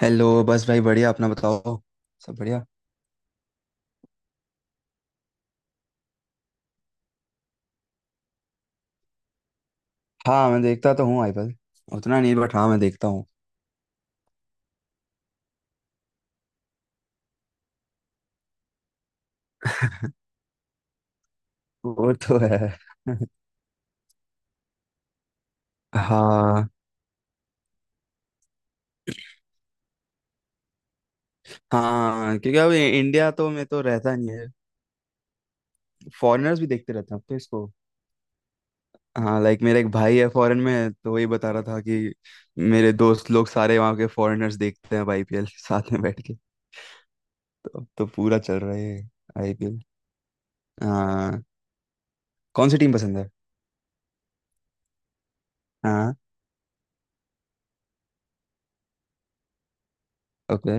Hello. बस भाई बढ़िया। अपना बताओ। सब बढ़िया। हाँ, मैं देखता तो हूँ आईपीएल उतना नहीं, बट हाँ मैं देखता हूँ। वो तो है। हाँ। हाँ, क्योंकि अब इंडिया तो में तो रहता नहीं है। फॉरेनर्स भी देखते रहते हैं अब तो इसको। हाँ, लाइक मेरा एक भाई है फॉरेन में तो वही बता रहा था कि मेरे दोस्त लोग सारे वहाँ के फॉरेनर्स देखते हैं आईपीएल, साथ में बैठ के। तो अब तो पूरा चल रहा है आईपीएल। हाँ। कौन सी टीम पसंद है? हाँ। ओके।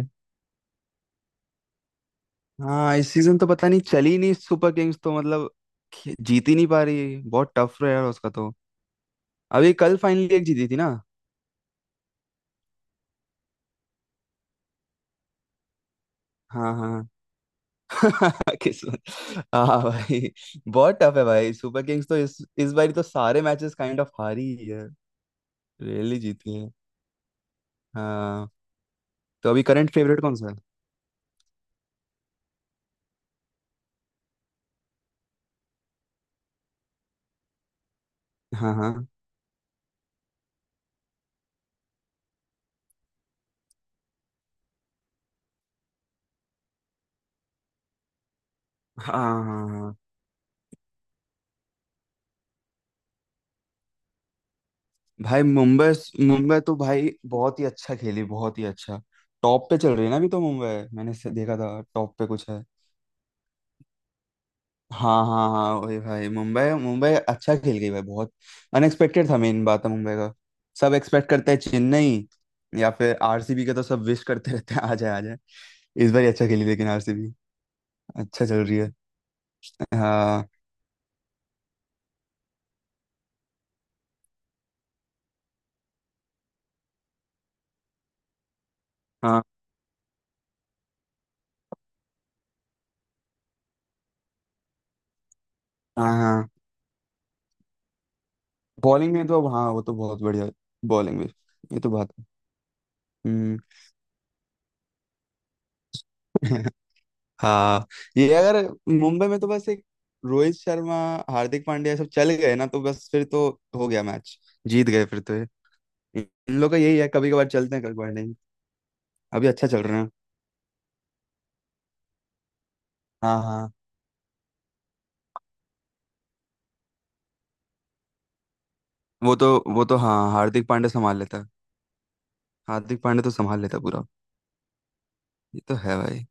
हाँ, इस सीजन तो पता नहीं, चली नहीं सुपर किंग्स तो मतलब जीत ही नहीं पा रही, बहुत टफ रहा है उसका तो। अभी कल फाइनली एक जीती थी ना। हाँ, हाँ। किस्मत। हाँ भाई। बहुत टफ है भाई, सुपर किंग्स तो इस बार तो सारे मैचेस काइंड ऑफ हारी ही है। रेयरली जीती है। हाँ। तो अभी करंट फेवरेट कौन सा है? हाँ, हाँ, हाँ, हाँ, हाँ। भाई मुंबई, मुंबई तो भाई बहुत ही अच्छा खेली, बहुत ही अच्छा। टॉप पे चल रही है ना अभी तो मुंबई। मैंने से देखा था टॉप पे कुछ है। हाँ, हाँ, हाँ, वही भाई, मुंबई मुंबई अच्छा खेल गई भाई बहुत। अनएक्सपेक्टेड था, मेन बात है मुंबई का। सब एक्सपेक्ट करते हैं चेन्नई या फिर आरसीबी का, तो सब विश करते रहते हैं आ जाए, आ जाए। इस बार ही अच्छा खेली लेकिन आरसीबी अच्छा चल रही है। हाँ, हाँ, हाँ, हाँ। बॉलिंग में तो हाँ वो तो बहुत बढ़िया बॉलिंग में। ये तो बात है। हम्म। हाँ। ये अगर मुंबई में तो बस एक रोहित शर्मा, हार्दिक पांड्या सब चल गए ना, तो बस फिर तो हो गया मैच, जीत गए फिर तो। इन लोग का यही है, कभी कभार चलते हैं कभी कभार नहीं। अभी अच्छा चल रहे हैं। हाँ, हाँ, वो तो हाँ हार्दिक पांड्या संभाल लेता है। हार्दिक पांड्या तो संभाल लेता पूरा। ये तो है भाई।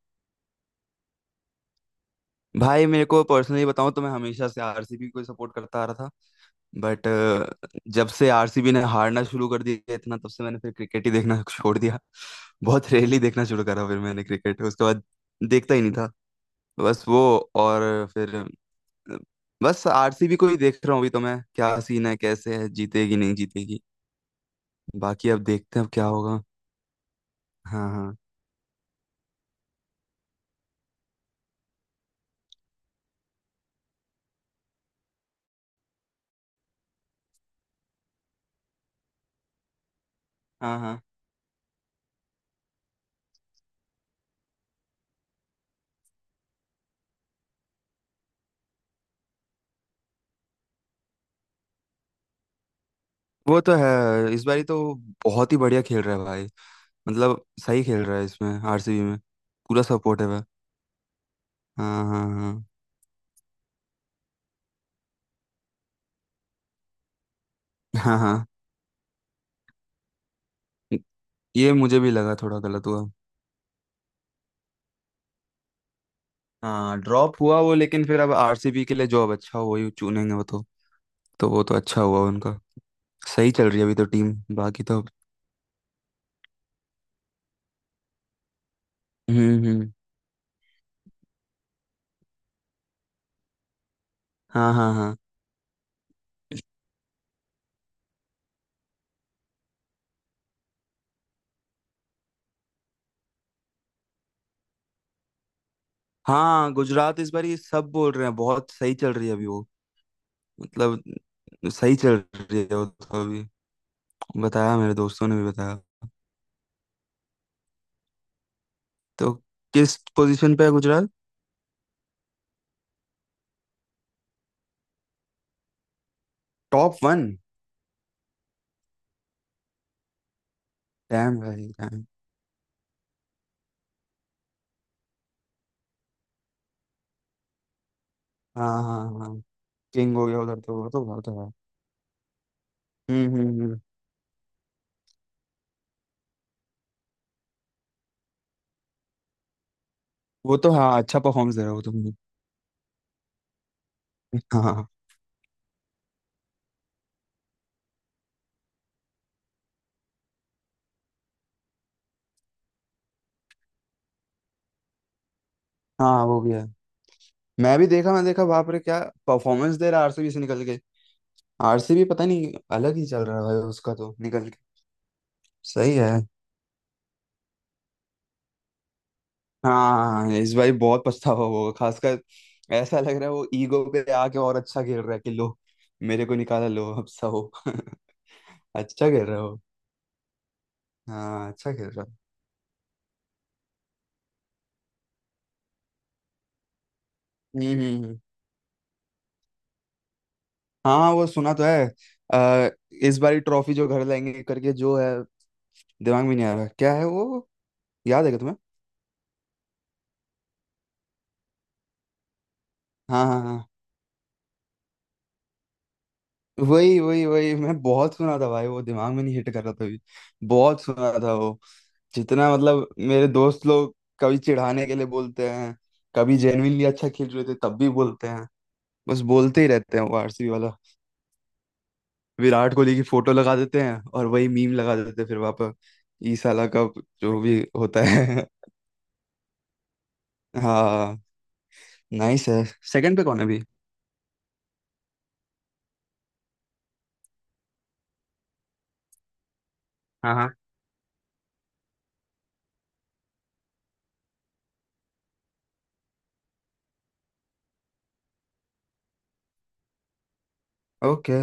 भाई मेरे को पर्सनली बताऊं तो मैं हमेशा से आरसीबी को सपोर्ट करता आ रहा था, बट जब से आरसीबी ने हारना शुरू कर दिया इतना, तब से मैंने फिर क्रिकेट ही देखना छोड़ दिया। बहुत रेयरली देखना शुरू करा फिर मैंने क्रिकेट, उसके बाद देखता ही नहीं था बस वो। और फिर बस आरसीबी को ही देख रहा हूँ अभी तो मैं, क्या सीन है कैसे है, जीतेगी नहीं जीतेगी। बाकी अब देखते हैं अब क्या होगा। हाँ, हाँ, हाँ, हाँ। वो तो है, इस बारी तो बहुत ही बढ़िया खेल रहा है भाई। मतलब सही खेल रहा है इसमें आरसीबी में। पूरा सपोर्टिव है भाई। हाँ, हाँ, हाँ, हाँ, हाँ। ये मुझे भी लगा थोड़ा गलत हुआ। हाँ, ड्रॉप हुआ वो लेकिन फिर अब आरसीबी के लिए जो अब अच्छा हुआ ही चुनेंगे वो तो। तो वो तो अच्छा हुआ उनका। सही चल रही है अभी तो टीम, बाकी तो। हम्म, हम्म। हाँ, हाँ, हाँ, हाँ। गुजरात इस बार ये सब बोल रहे हैं, बहुत सही चल रही है अभी वो। मतलब सही चल रही है वो तो अभी, बताया, मेरे दोस्तों ने भी बताया। तो किस पोजीशन पे है गुजरात? Top one? डैम भाई डैम। हाँ, हाँ, हाँ, किंग हो गया उधर तो वो तो बहुत है। हम्म, हम्म, वो तो हाँ अच्छा परफॉर्मेंस दे रहा है वो तो। हाँ, हाँ हाँ, वो भी है। मैं भी देखा, मैं देखा, बाप रे, क्या परफॉर्मेंस दे रहा है आरसीबी से निकल के। आरसीबी पता नहीं, अलग ही चल रहा है भाई उसका तो निकल के। सही है। हाँ, इस भाई बहुत पछतावा होगा खासकर। ऐसा लग रहा है वो ईगो पे आके और अच्छा खेल रहा है कि लो, मेरे को निकाला, लो अब सहो। अच्छा खेल रहा हो। हाँ, अच्छा खेल रहा है। हम्म, हम्म, हाँ, वो सुना तो है। आ, इस बारी ट्रॉफी जो घर लाएंगे करके जो है, दिमाग में नहीं आ रहा क्या है वो। याद है क्या तुम्हें? हाँ, हाँ, हाँ, वही, वही, वही, मैं बहुत सुना था भाई, वो दिमाग में नहीं हिट कर रहा था अभी। बहुत सुना था वो। जितना मतलब मेरे दोस्त लोग कभी चिढ़ाने के लिए बोलते हैं, कभी जेन्युइनली अच्छा खेल रहे थे तब भी बोलते हैं, बस बोलते ही रहते हैं वो आरसीबी वाला। विराट कोहली की फोटो लगा देते हैं और वही मीम लगा देते हैं फिर वापस। ई साला का जो भी होता है। हाँ। नाइस है। सेकंड पे कौन है अभी? हाँ, हाँ। ओके।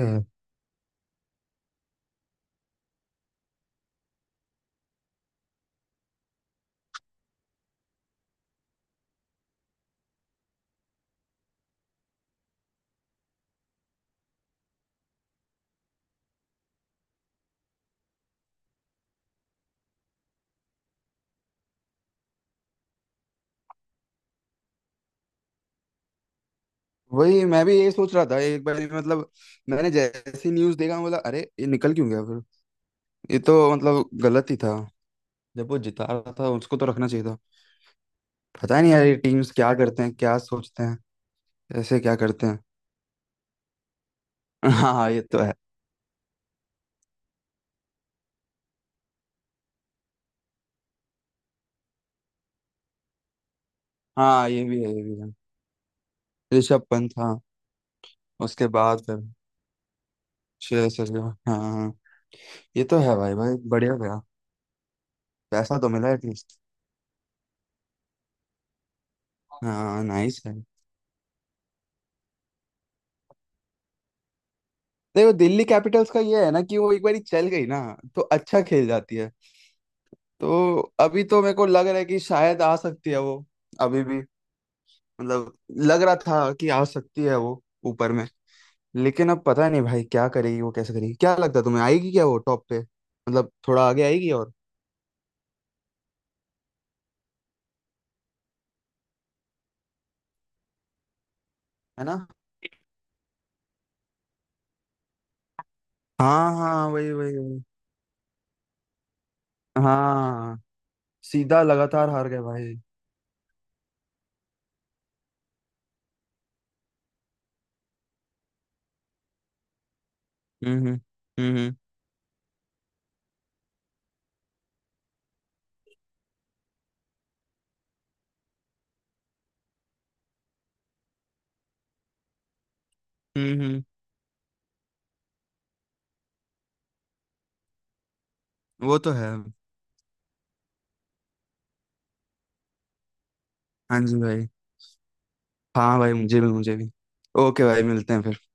वही मैं भी यही सोच रहा था एक बार मतलब। मैंने जैसी न्यूज देखा मैं बोला, अरे, ये निकल क्यों गया? ये तो मतलब गलत ही था। जब वो जिता रहा था उसको तो रखना चाहिए था। पता ही नहीं यार, ये टीम्स क्या करते हैं, क्या सोचते हैं। ऐसे क्या करते हैं। हाँ, हाँ, ये तो है। हाँ, ये भी है, ये भी है। ऋषभ पंत, हाँ। उसके बाद फिर। श्रेयस अय्यर। हाँ, हाँ, ये तो है भाई। भाई बढ़िया गया। पैसा तो मिला एटलीस्ट। हाँ, नाइस है। देखो, दिल्ली कैपिटल्स का ये है ना कि वो एक बार चल गई ना तो अच्छा खेल जाती है। तो अभी तो मेरे को लग रहा है कि शायद आ सकती है वो अभी भी। मतलब लग रहा था कि आ सकती है वो ऊपर में। लेकिन अब पता नहीं भाई क्या करेगी वो, कैसे करेगी, क्या लगता है तुम्हें, आएगी क्या वो टॉप पे, मतलब थोड़ा आगे आएगी? और है ना। हाँ, हाँ, वही, वही, वही। हाँ, सीधा लगातार हार गए भाई। हम्म, हम्म, हम्म, हम्म, हम्म। वो तो है। हाँ जी भाई। हाँ भाई, मुझे भी, मुझे भी। ओके भाई, मिलते हैं फिर।